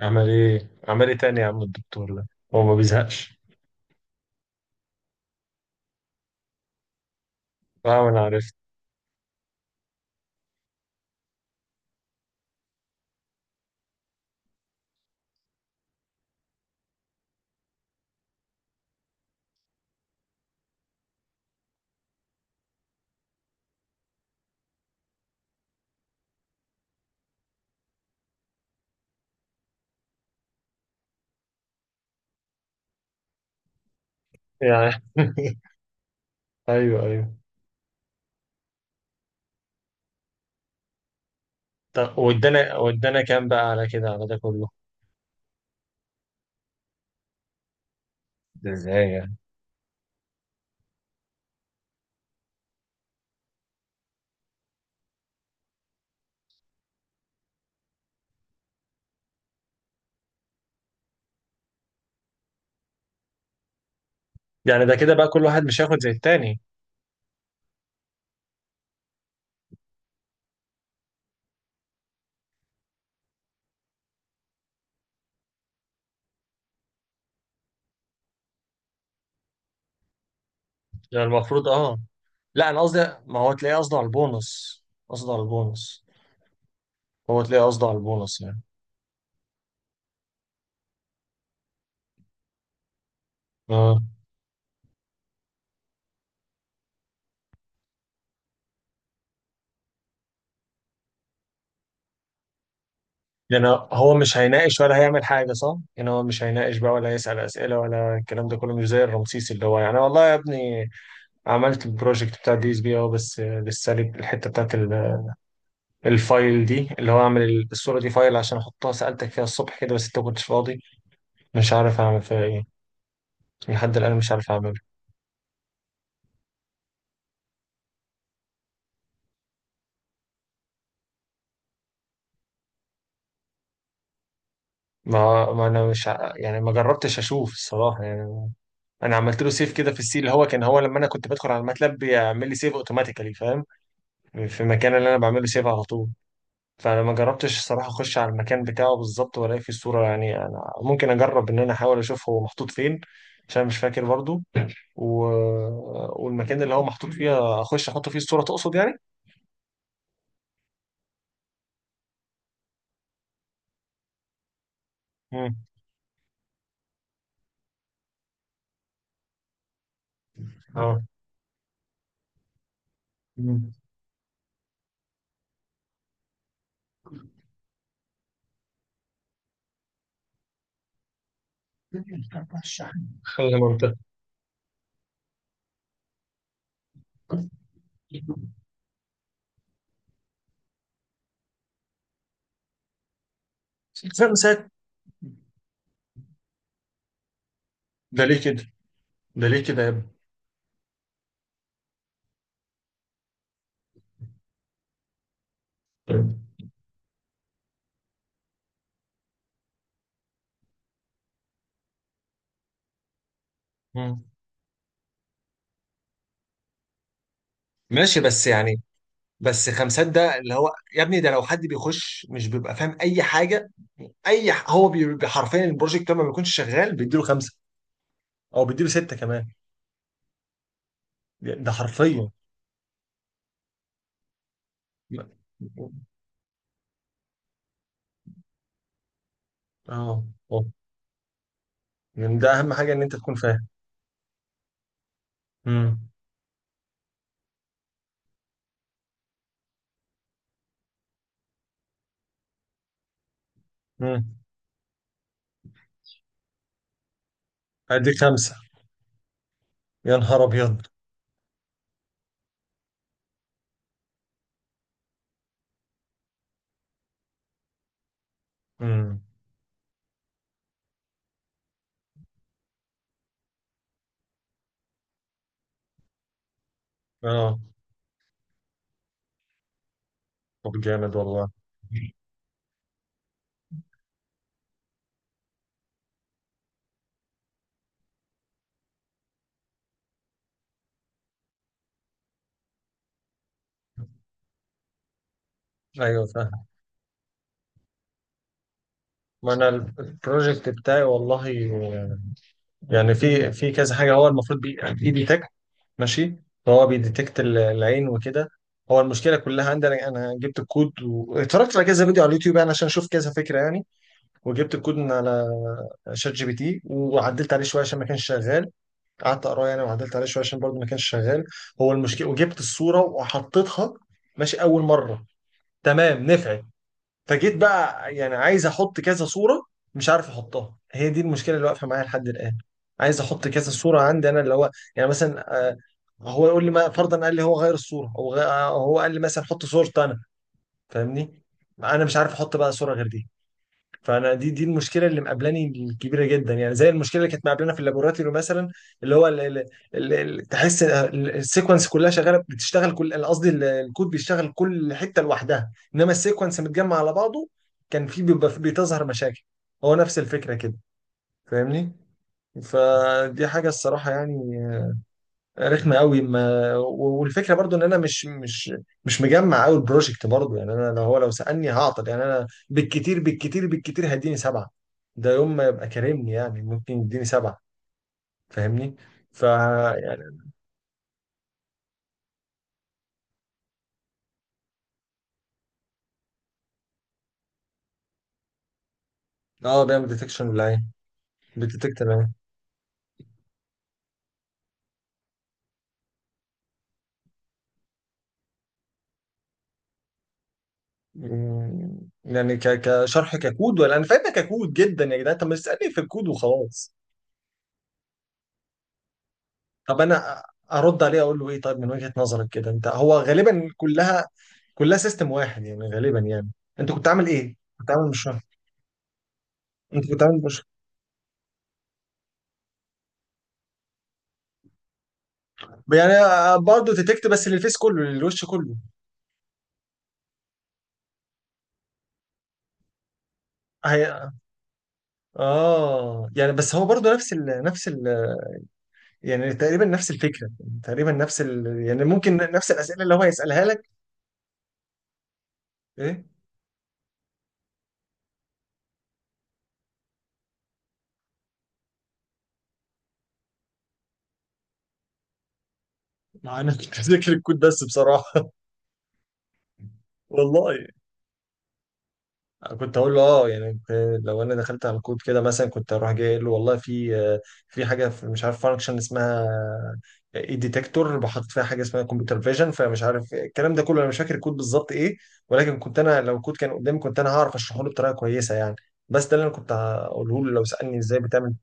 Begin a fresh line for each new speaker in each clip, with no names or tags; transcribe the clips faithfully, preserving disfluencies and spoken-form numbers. عمل ايه عمل ايه تاني يا عم الدكتور ده، هو ما بيزهقش. اه انا عرفت. يعني ايوه، ايوه. طب وادانا وادانا كام بقى على كده، على ده كله؟ ده ازاي يعني؟ يعني ده كده بقى كل واحد مش هياخد زي التاني؟ يعني المفروض اه، لا انا قصدي، ما هو تلاقيه قصده على البونص، قصده على البونص. هو تلاقيه قصده على البونص يعني. اه. يعني هو مش هيناقش ولا هيعمل حاجه صح؟ يعني هو مش هيناقش بقى ولا هيسال اسئله ولا الكلام ده كله مش زي الرمسيس اللي هو يعني والله يا ابني عملت البروجكت بتاع دي اس بي، اه بس لسه لي الحته بتاعت ال- الفايل دي اللي هو اعمل ال- الصوره دي فايل عشان احطها. سالتك فيها الصبح كده بس انت ما كنتش فاضي. مش عارف اعمل فيها ايه، لحد الان مش عارف اعمله. ما ما انا مش ع- يعني ما جربتش اشوف الصراحه يعني. انا عملت له سيف كده في السي اللي هو كان، هو لما انا كنت بدخل على الماتلاب بيعمل لي سيف اوتوماتيكالي، فاهم، في المكان اللي انا بعمله سيف على طول. فانا ما جربتش الصراحه اخش على المكان بتاعه بالظبط والاقي فيه الصوره، يعني انا ممكن اجرب ان انا احاول اشوف هو محطوط فين عشان مش فاكر برضو. و... والمكان اللي هو محطوط فيه اخش احط فيه الصوره تقصد يعني؟ امم اه. مم. خلي منطقة. خمسات؟ ده ليه كده؟ ده ليه كده يا ابني؟ مم. ماشي بس يعني، بس خمسات ده اللي هو يا ابني ده لو حد بيخش مش بيبقى فاهم اي حاجه. اي ح- هو بي- بي- حرفيا البروجكت ده ما بيكونش شغال بيديله خمسه، او بيديله سته كمان. ده حرفيا. اه. اه يعني ده اهم حاجه ان انت تكون فاهم. امم. ادي خمسة؟ يا نهار ابيض. امم. اه. طب جامد والله. ايوه فاهم. ما انا ال- البروجكت بتاعي والله يعني في في كذا حاجه هو المفروض بي بي ديتكت. ماشي. هو بيديتكت ال- العين وكده. هو المشكله كلها عندي، انا انا جبت الكود واتفرجت على كذا فيديو على اليوتيوب يعني عشان اشوف كذا فكره يعني. وجبت الكود من على شات جي بي تي وعدلت عليه شويه عشان ما كانش شغال، قعدت اقراه يعني وعدلت عليه شويه عشان برضه ما كانش شغال. هو المشكله وجبت الصوره وحطيتها ماشي اول مره، تمام، نفعت. فجيت بقى يعني عايز احط كذا صوره، مش عارف احطها، هي دي المشكله اللي واقفه معايا لحد الان. عايز احط كذا صوره عندي انا اللي هو يعني مثلا آه، هو يقول لي، ما فرضا قال لي هو غير الصوره، هو غ... آه، هو قال لي مثلا حط صورة انا، فاهمني؟ انا مش عارف احط بقى صوره غير دي. فانا دي دي المشكله اللي مقابلاني الكبيره جدا يعني، زي المشكله اللي كانت مقابلانا في اللابوراتوري مثلا، اللي هو ال- ال- ال- ال- تحس ال- السيكونس كلها شغاله بتشتغل كل، أنا قصدي ال- الكود بيشتغل كل حته لوحدها انما السيكونس متجمع على بعضه كان في بيبقى في- بتظهر مشاكل. هو نفس الفكره كده، فاهمني؟ فدي حاجه الصراحه يعني رخمه قوي. ما و- والفكره برضو ان انا مش مش مش مجمع قوي البروجكت برضو يعني. انا لو هو لو سالني هعطل يعني، انا بالكتير بالكتير بالكتير هيديني سبعه، ده يوم ما يبقى كارمني يعني ممكن يديني سبعه، فاهمني؟ ف يعني. اه بيعمل ديتكشن ولا ايه؟ بتديتكت العين. مم، يعني ك... كشرح؟ ككود ولا؟ انا فاهمها ككود جدا يا جدعان، طب ما تسالني في الكود وخلاص. طب انا ارد عليه اقول له ايه؟ طيب من وجهه نظرك كده انت، هو غالبا كلها، كلها سيستم واحد يعني غالبا يعني. انت كنت عامل ايه؟ كنت عامل مشروع. انت كنت عامل مشروع يعني؟ آه، آه، برضه ديتكت بس للفيس كله، للوش كله. هي... اه يعني بس هو برضه نفس ال... نفس ال... يعني تقريبا نفس الفكره، تقريبا نفس ال... يعني ممكن نفس الاسئله اللي هو هيسالها لك. ايه؟ مع انا كنت فاكر الكود بس بصراحه. والله كنت اقول له اه يعني كنت- لو انا دخلت على الكود كده مثلا كنت اروح جاي اقول له والله في آه، في حاجه في مش عارف فانكشن اسمها اي ديتكتور، بحط فيها حاجه اسمها كمبيوتر فيجن، فمش عارف الكلام ده كله، انا مش فاكر الكود بالظبط ايه، ولكن كنت انا لو الكود كان قدامي كنت انا هعرف اشرحه له بطريقه كويسه يعني. بس ده اللي انا كنت هقوله له لو سالني ازاي بتعمل.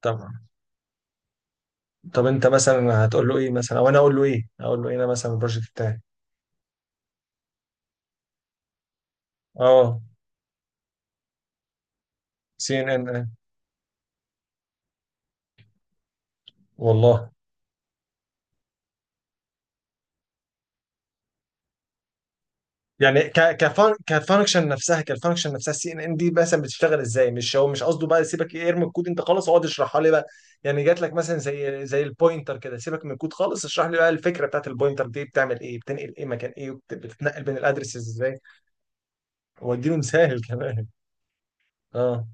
طب، طب انت مثلا هتقول له ايه؟ مثلا او انا اقول له ايه؟ اقول له ايه انا مثلا البروجكت بتاعي؟ اه. سي ان ان؟ والله يعني ك كفان كفانكشن نفسها، كالفانكشن نفسها السي ان ان دي مثلا بتشتغل ازاي؟ مش هو مش قصده بقى سيبك ايه ارمي الكود انت خالص، اقعد اشرحها لي بقى. يعني جات لك مثلا زي زي البوينتر كده، سيبك من الكود خالص، اشرح لي بقى الفكره بتاعت البوينتر دي بتعمل ايه، بتنقل ايه، مكان ايه، وبت- بتتنقل بين الادرسز ازاي. واديله مثال كمان. اه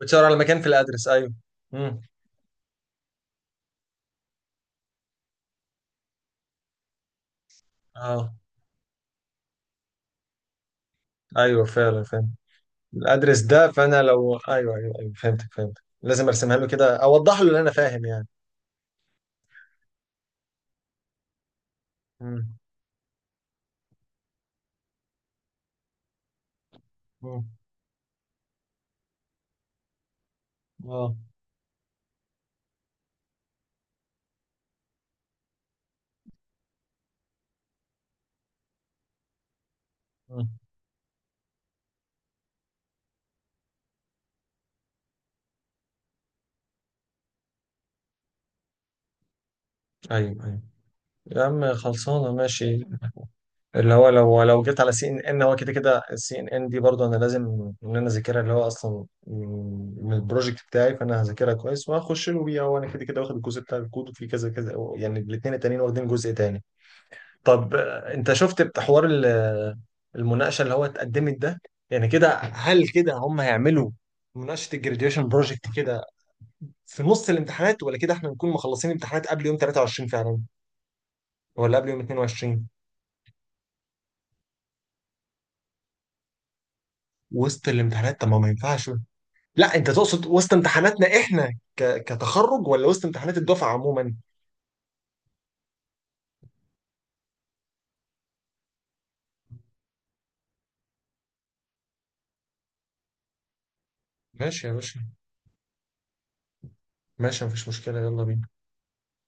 بتشاور على مكان في الادرس، ايوه. امم. اه، ايوه فعلا فاهم الادرس ده. فانا لو ايوه، ايوه ايوه فهمتك، فهمتك لازم ارسمها له كده، اوضح له اللي انا فاهم يعني. امم امم. اه. ايوه ايوه يا عم، خلصانه ماشي. اللي هو لو لو جيت على سي ان ان هو كده كده السي ان ان دي برضه انا لازم ان انا اذاكرها، اللي هو اصلا من البروجكت بتاعي، فانا هذاكرها كويس وهخش له بيها، وانا كده كده واخد الجزء بتاع الكود وفي كذا كذا يعني، الاثنين التانيين واخدين جزء تاني. طب آه، انت شفت بحوار ال- المناقشه اللي هو اتقدمت ده، يعني كده هل كده هم هيعملوا مناقشه الجراديويشن بروجكت كده في نص الامتحانات، ولا كده احنا نكون مخلصين امتحانات قبل يوم تلتاشر فعلا، ولا قبل يوم اتناشر؟ وسط الامتحانات؟ طب ما ما ينفعش. لا انت تقصد وسط امتحاناتنا احنا ك... كتخرج ولا وسط امتحانات الدفعه عموما؟ ماشي يا باشا، ماشي مفيش مشكله، يلا بينا.